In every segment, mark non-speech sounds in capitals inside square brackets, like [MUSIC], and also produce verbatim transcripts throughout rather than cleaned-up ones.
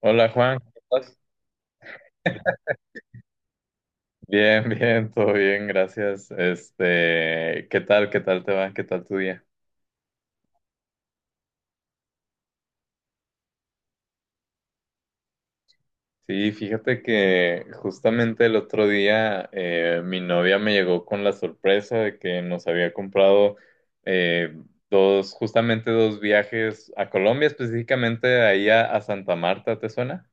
Hola Juan, ¿cómo estás? Bien, [LAUGHS] bien, todo bien, gracias. Este, ¿qué tal? ¿Qué tal te va? ¿Qué tal tu día? Sí, fíjate que justamente el otro día eh, mi novia me llegó con la sorpresa de que nos había comprado eh, dos, justamente dos viajes a Colombia, específicamente ahí a, a Santa Marta, ¿te suena?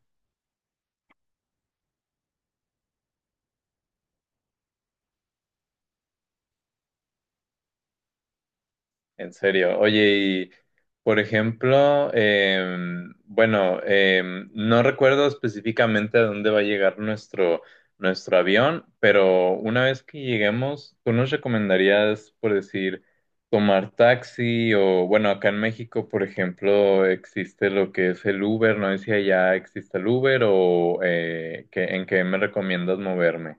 En serio. Oye, y por ejemplo, em, bueno, em, no recuerdo específicamente a dónde va a llegar nuestro, nuestro avión, pero una vez que lleguemos, ¿tú nos recomendarías, por decir, tomar taxi o, bueno, acá en México, por ejemplo, existe lo que es el Uber? No sé si allá existe el Uber o eh, ¿qué- ¿en qué me recomiendas moverme?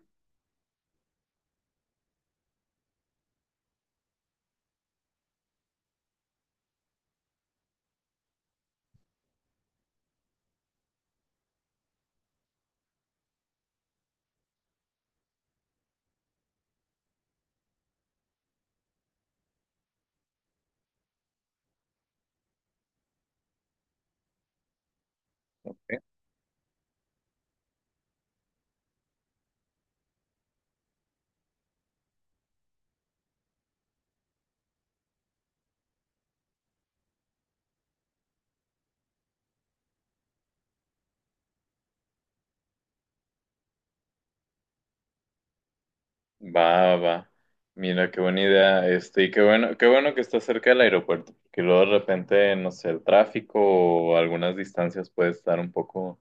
Va, va. Mira, qué buena idea. Este, y qué bueno, qué bueno que está cerca del aeropuerto, porque luego de repente, no sé, el tráfico o algunas distancias puede estar un poco,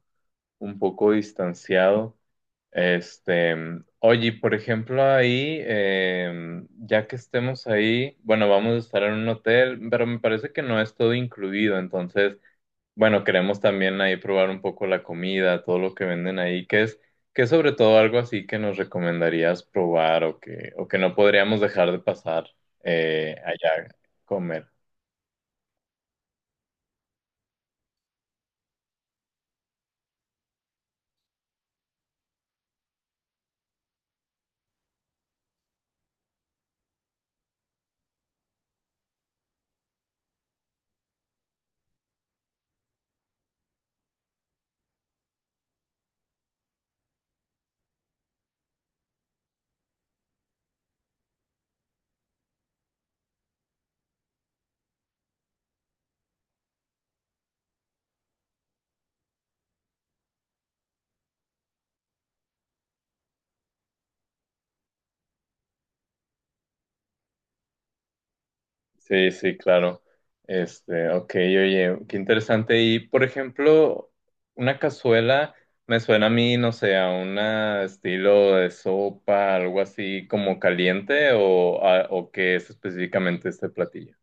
un poco distanciado. Este, oye, y por ejemplo, ahí, eh, ya que estemos ahí, bueno, vamos a estar en un hotel, pero me parece que no es todo incluido, entonces. Bueno, queremos también ahí probar un poco la comida, todo lo que venden ahí, que es, que es sobre todo algo así que nos recomendarías probar o que, o que no podríamos dejar de pasar eh, allá a comer. Sí, sí, claro. Este, ok, oye, qué interesante. Y, por ejemplo, una cazuela me suena a mí, no sé, a un estilo de sopa, algo así como caliente o, a- o qué es específicamente este platillo.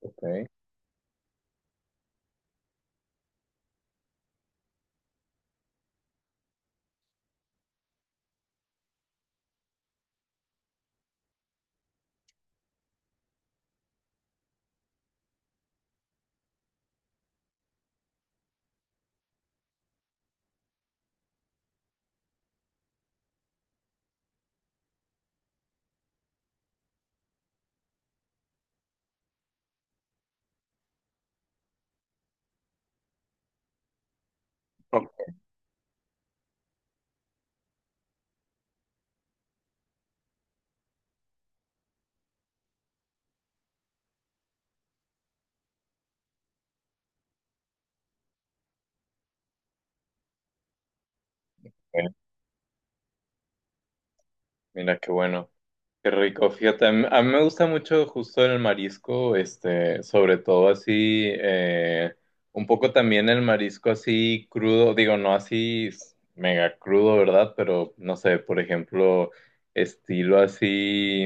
Ok. Ok. Ok, mira qué bueno. Qué rico, fíjate, a mí, a mí me gusta mucho justo el marisco, este, sobre todo así, eh, un poco también el marisco así crudo, digo, no así s- mega crudo, ¿verdad? Pero no sé, por ejemplo, estilo así.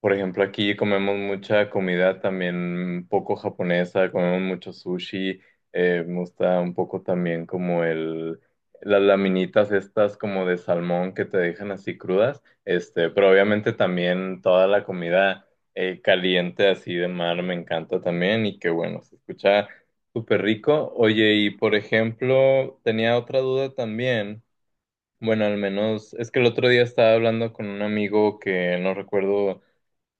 Por ejemplo, aquí comemos mucha comida también poco japonesa, comemos mucho sushi. Eh, me gusta un poco también como el, las laminitas estas como de salmón que te dejan así crudas, este, pero obviamente también toda la comida eh, caliente así de mar me encanta también, y que bueno, se escucha súper rico. Oye, y por ejemplo, tenía otra duda también, bueno, al menos es que el otro día estaba hablando con un amigo que no recuerdo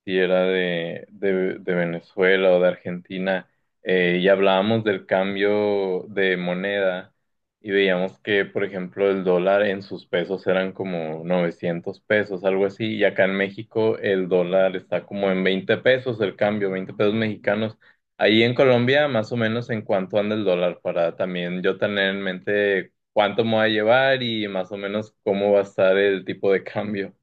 si era de, de- de Venezuela o de Argentina, eh, y hablábamos del cambio de moneda y veíamos que, por ejemplo, el dólar en sus pesos eran como novecientos pesos, algo así, y acá en México el dólar está como en veinte pesos el cambio, veinte pesos mexicanos. Ahí en Colombia, más o menos, ¿en cuánto anda el dólar, para también yo tener en mente cuánto me voy a llevar y más o menos cómo va a estar el tipo de cambio?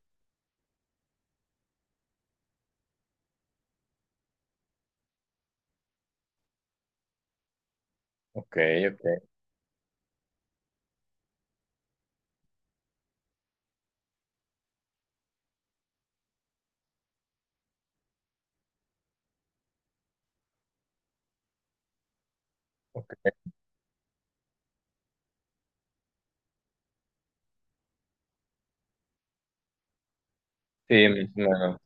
Ok, ok, ok. Sí, más o menos.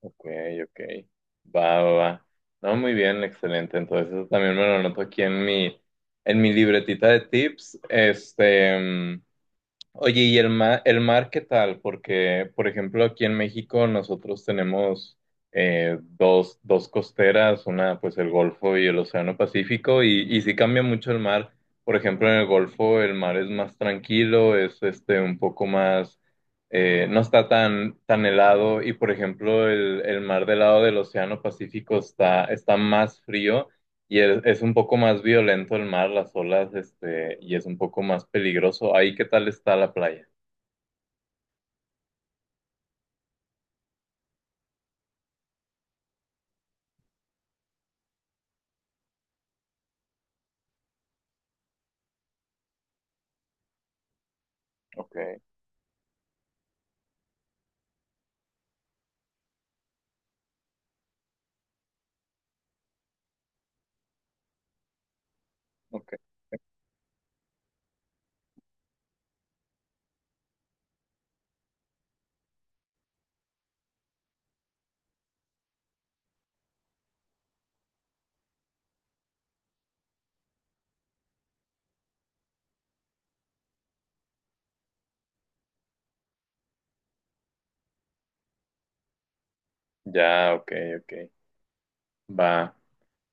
Ok, ok. Va, va, va. No, muy bien, excelente. Entonces, eso también me lo anoto aquí en mi, en mi libretita de tips. Este, mm, oye, ¿y el mar, el mar qué tal? Porque, por ejemplo, aquí en México nosotros tenemos eh, dos, dos costeras, una pues el Golfo y el Océano Pacífico, y, y sí cambia mucho el mar. Por ejemplo, en el Golfo el mar es más tranquilo, es este un poco más, eh, no está tan, tan helado, y por ejemplo, el, el mar del lado del Océano Pacífico está, está más frío. Y es, es un poco más violento el mar, las olas, este, y es un poco más peligroso. Ahí, ¿qué tal está la playa? Ok, ok. Ya, ok, ok. Va.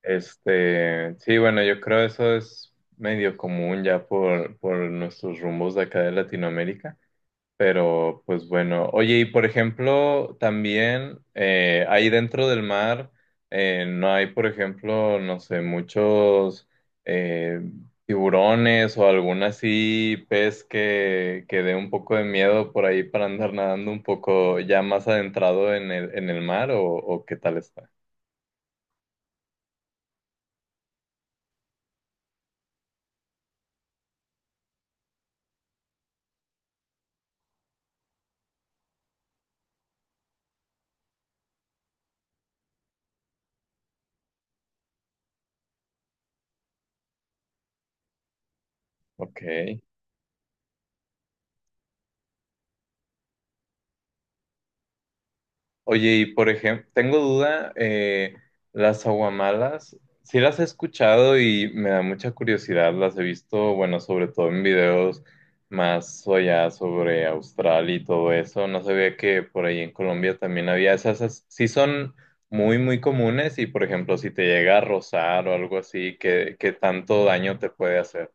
Este, sí, bueno, yo creo eso es medio común ya por, por nuestros rumbos de acá de Latinoamérica. Pero, pues bueno, oye, y por ejemplo, también eh, ahí dentro del mar eh, no hay, por ejemplo, no sé, muchos eh, tiburones o algún así pez que, que dé un poco de miedo por ahí para andar nadando un poco ya más adentrado en el, en el mar, o, o qué tal está. Ok. Oye, y por ejemplo, tengo duda, eh, las aguamalas, sí las he escuchado y me da mucha curiosidad, las he visto, bueno, sobre todo en videos más allá sobre Australia y todo eso. No sabía que por ahí en Colombia también había esas, esas- sí son muy, muy comunes, y, por ejemplo, si te llega a rozar o algo así, ¿qué, ¿qué tanto daño te puede hacer?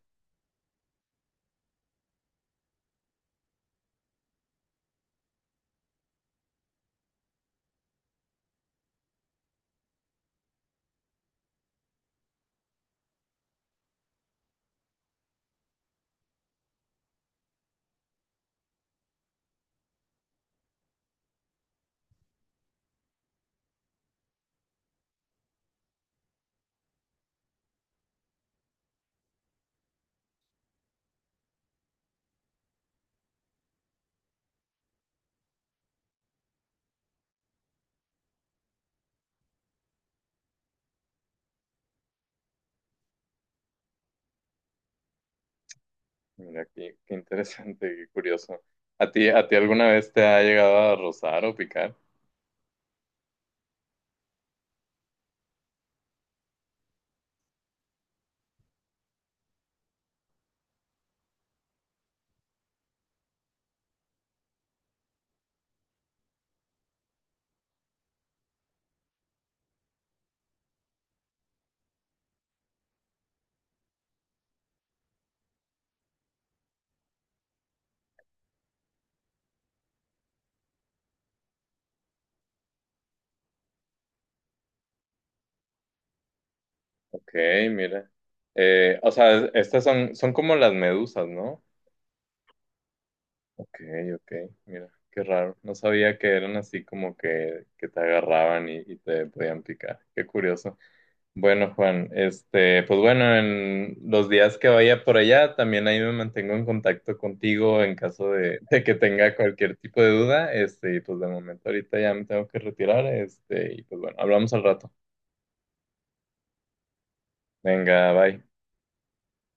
Mira, qué, qué interesante, qué curioso. ¿A ti, ¿a ti alguna vez te ha llegado a rozar o picar? Ok, mira. Eh, o sea, estas son, son como las medusas, ¿no? Ok, ok, mira, qué raro. No sabía que eran así como que, que te agarraban y, y te podían picar. Qué curioso. Bueno, Juan, este, pues bueno, en los días que vaya por allá, también ahí me mantengo en contacto contigo en caso de, de que tenga cualquier tipo de duda. Este, y pues de momento ahorita ya me tengo que retirar. Este, y pues bueno, hablamos al rato. Venga, bye.